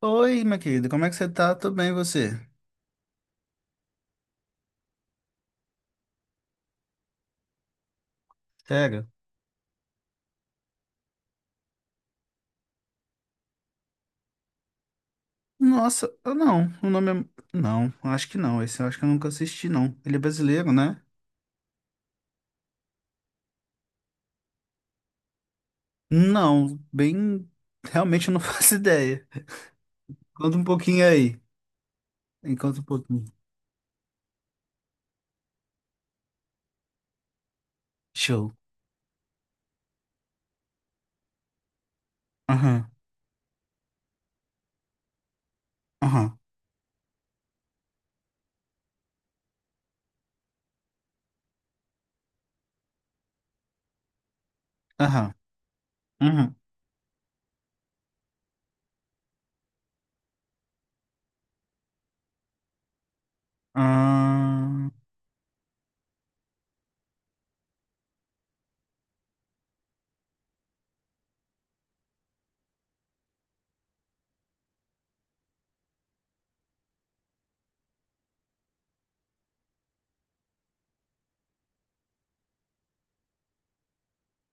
Oi, minha querida, como é que você tá? Tudo bem, e você? Sério? Nossa, eu não, o nome é... Não, acho que não, esse eu acho que eu nunca assisti, não. Ele é brasileiro, né? Não, bem... Realmente eu não faço ideia. Conta um pouquinho aí. Conta um pouquinho. Show. Aham, aham, aham, aham, aham,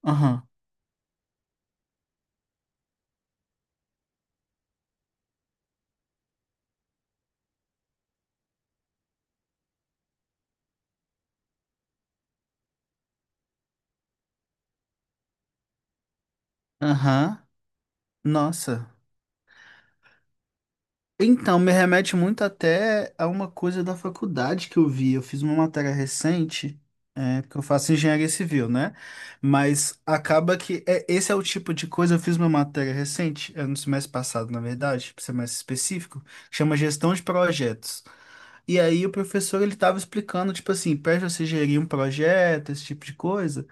aham, aham. Nossa. Então, me remete muito até a uma coisa da faculdade que eu vi. Eu fiz uma matéria recente, é, porque eu faço engenharia civil, né? Mas acaba que é, esse é o tipo de coisa. Eu fiz uma matéria recente, é, no semestre passado, na verdade, para ser mais específico, que chama gestão de projetos. E aí o professor ele estava explicando, tipo assim, para você gerir um projeto, esse tipo de coisa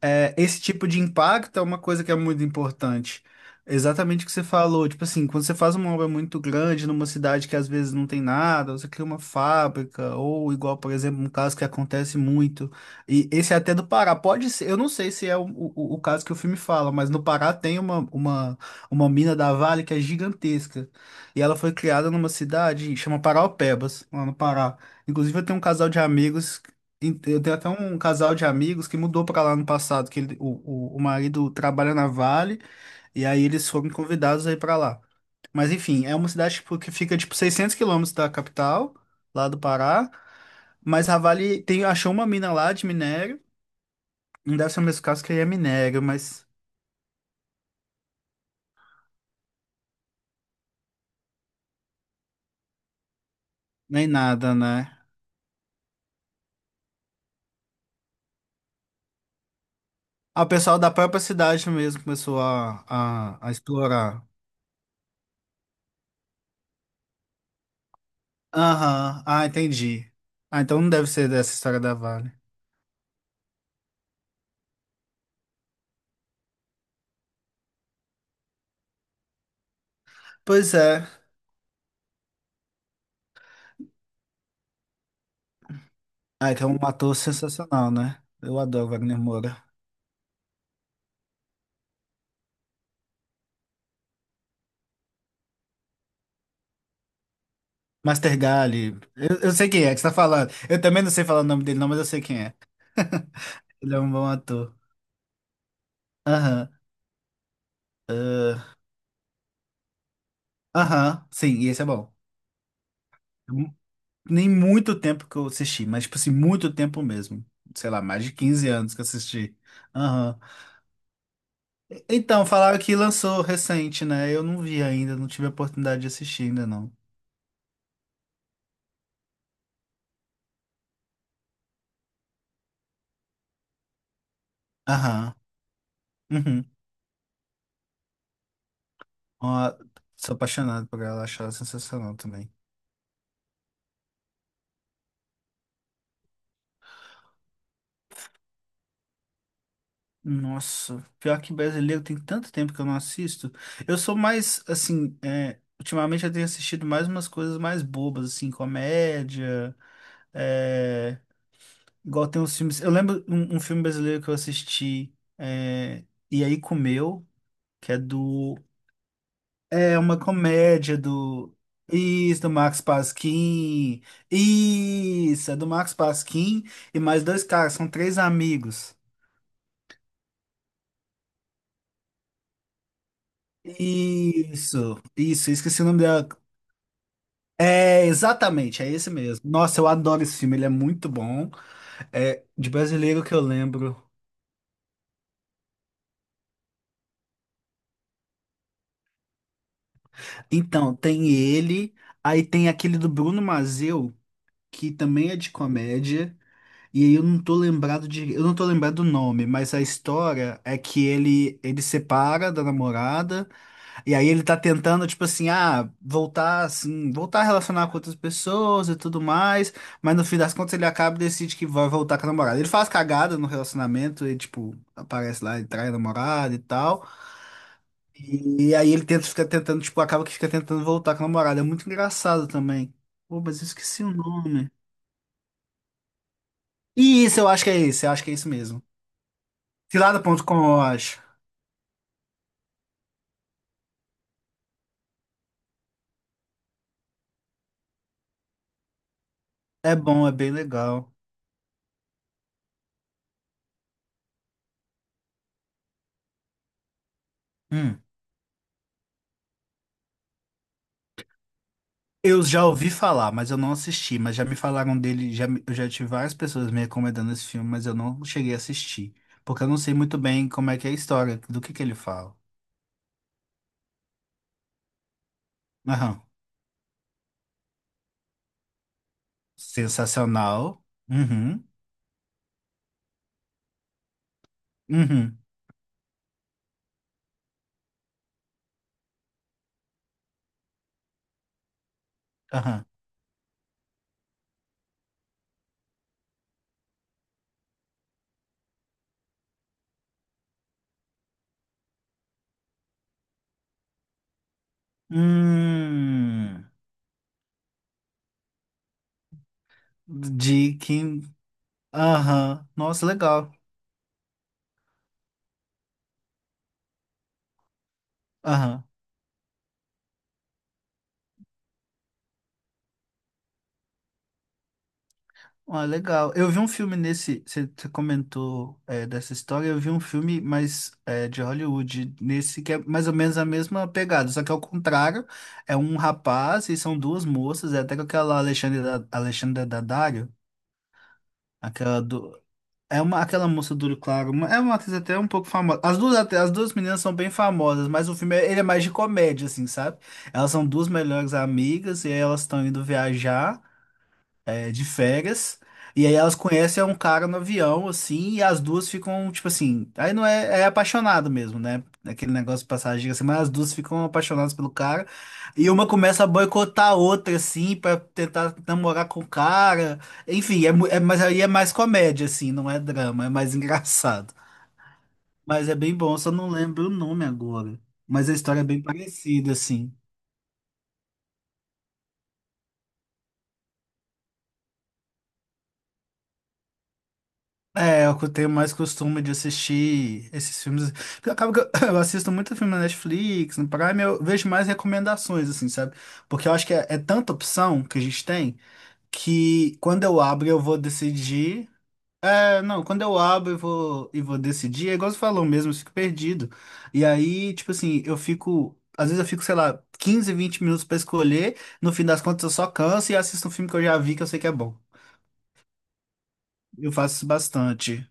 é, esse tipo de impacto é uma coisa que é muito importante. Exatamente o que você falou. Tipo assim, quando você faz uma obra muito grande numa cidade que às vezes não tem nada, você cria uma fábrica, ou igual, por exemplo, um caso que acontece muito. E esse é até do Pará. Pode ser, eu não sei se é o caso que o filme fala, mas no Pará tem uma mina da Vale que é gigantesca. E ela foi criada numa cidade, chama Paraopebas, lá no Pará. Inclusive, eu tenho um casal de amigos. Eu tenho até um casal de amigos que mudou pra lá no passado, que ele- o marido trabalha na Vale, e aí eles foram convidados aí pra lá. Mas enfim, é uma cidade tipo, que fica tipo 600 quilômetros da capital, lá do Pará, mas a Vale tem, achou uma mina lá de minério, não deve ser o mesmo caso que aí é minério, mas nem nada, né? Ah, o pessoal da própria cidade mesmo começou a explorar. Aham, ah, entendi. Ah, então não deve ser dessa história da Vale. Pois é. Ah, que é um ator sensacional, né? Eu adoro Wagner Moura. Mastergali, eu sei quem é que você tá falando. Eu também não sei falar o nome dele, não, mas eu sei quem é. Ele é um bom ator. Aham. Ah, aham, sim, e esse é bom. Eu- Nem muito tempo que eu assisti, mas, tipo assim, muito tempo mesmo. Sei lá, mais de 15 anos que eu assisti. Aham. Então, falaram que lançou recente, né? Eu não vi ainda, não tive a oportunidade de assistir ainda, não. Aham. Uhum. Ó, sou apaixonado por ela, acho ela sensacional também. Nossa, pior que brasileiro tem tanto tempo que eu não assisto. Eu sou mais, assim, é, ultimamente eu tenho assistido mais umas coisas mais bobas, assim, comédia, é, igual tem uns filmes. Eu lembro um filme brasileiro que eu assisti, é, E aí Comeu, que é do. É uma comédia do. Isso, do Max Pasquim. Isso, é do Max Pasquim e mais dois caras, são três amigos. Isso, eu esqueci o nome dela. É, exatamente, é esse mesmo. Nossa, eu adoro esse filme, ele é muito bom. É de brasileiro que eu lembro. Então, tem ele, aí tem aquele do Bruno Mazzeu, que também é de comédia, e aí eu não tô lembrado de, eu não tô lembrado do nome, mas a história é que ele separa da namorada. E aí ele tá tentando, tipo assim, ah, voltar assim, voltar a relacionar com outras pessoas e tudo mais, mas no fim das contas ele acaba e decide que vai voltar com a namorada. Ele faz cagada no relacionamento e, tipo, aparece lá e trai a namorada e tal. E aí ele tenta ficar tentando, tipo, acaba que fica tentando voltar com a namorada. É muito engraçado também. Pô, mas eu esqueci o nome. E isso, eu acho que é isso, eu acho que é isso mesmo. Cilada.com, eu acho. É bom, é bem legal. Hum. Eu já ouvi falar, mas eu não assisti, mas já me falaram dele, já, eu já tive várias pessoas me recomendando esse filme, mas eu não cheguei a assistir, porque eu não sei muito bem como é que é a história, do que ele fala. Aham. Sensacional. Uhum. Uhum. Aham. Hum. De quem? Aham. Nossa, legal. Aham. Ah, legal. Eu vi um filme nesse. Você comentou é, dessa história. Eu vi um filme, mas é, de Hollywood, nesse que é mais ou menos a mesma pegada, só que ao contrário, é um rapaz e são duas moças. É até com aquela Alexandra, Alexandra Daddario, aquela do. É uma, aquela moça do olho claro. É uma atriz até um pouco famosa. As duas meninas são bem famosas, mas o filme ele é mais de comédia, assim, sabe? Elas são duas melhores amigas e aí elas estão indo viajar é, de férias. E aí elas conhecem um cara no avião, assim, e as duas ficam, tipo assim, aí não é, é apaixonado mesmo, né? Aquele negócio de passagem, assim, mas as duas ficam apaixonadas pelo cara. E uma começa a boicotar a outra, assim, pra tentar namorar com o cara. Enfim, é, mas aí é mais comédia, assim, não é drama, é mais engraçado. Mas é bem bom, só não lembro o nome agora. Mas a história é bem parecida, assim. É, eu tenho mais costume de assistir esses filmes. Porque acaba que eu, eu assisto muito filme na Netflix, no Prime, eu vejo mais recomendações, assim, sabe? Porque eu acho que é, é tanta opção que a gente tem que quando eu abro eu vou decidir. É, não, quando eu abro eu vou, e vou decidir, é igual você falou mesmo, eu fico perdido. E aí, tipo assim, eu fico. Às vezes eu fico, sei lá, 15, 20 minutos pra escolher, no fim das contas eu só canso e assisto um filme que eu já vi que eu sei que é bom. Eu faço isso bastante.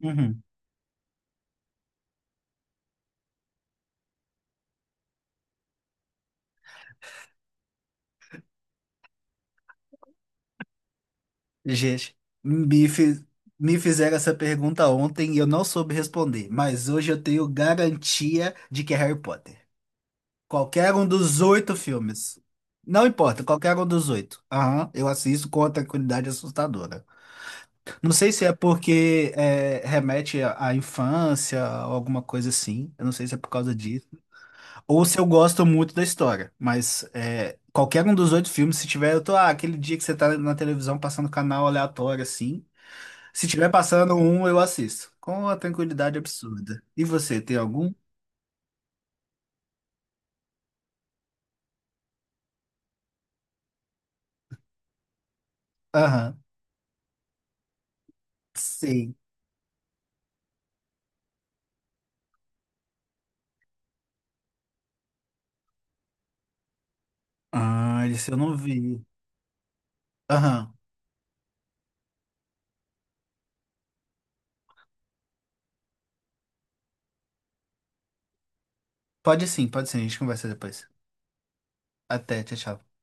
Uhum. Gente, me, fi- me fizeram essa pergunta ontem e eu não soube responder, mas hoje eu tenho garantia de que é Harry Potter. Qualquer um dos oito filmes. Não importa, qualquer um dos oito. Aham, eu assisto com uma tranquilidade assustadora. Não sei se é porque é, remete à infância ou alguma coisa assim. Eu não sei se é por causa disso. Ou se eu gosto muito da história. Mas é, qualquer um dos oito filmes, se tiver, eu tô. Ah, aquele dia que você tá na televisão passando canal aleatório assim. Se tiver passando um, eu assisto. Com uma tranquilidade absurda. E você, tem algum? Aham. Sei. Ah, esse eu não vi. Aham. Pode sim, pode sim. A gente conversa depois. Até, tchau, tchau.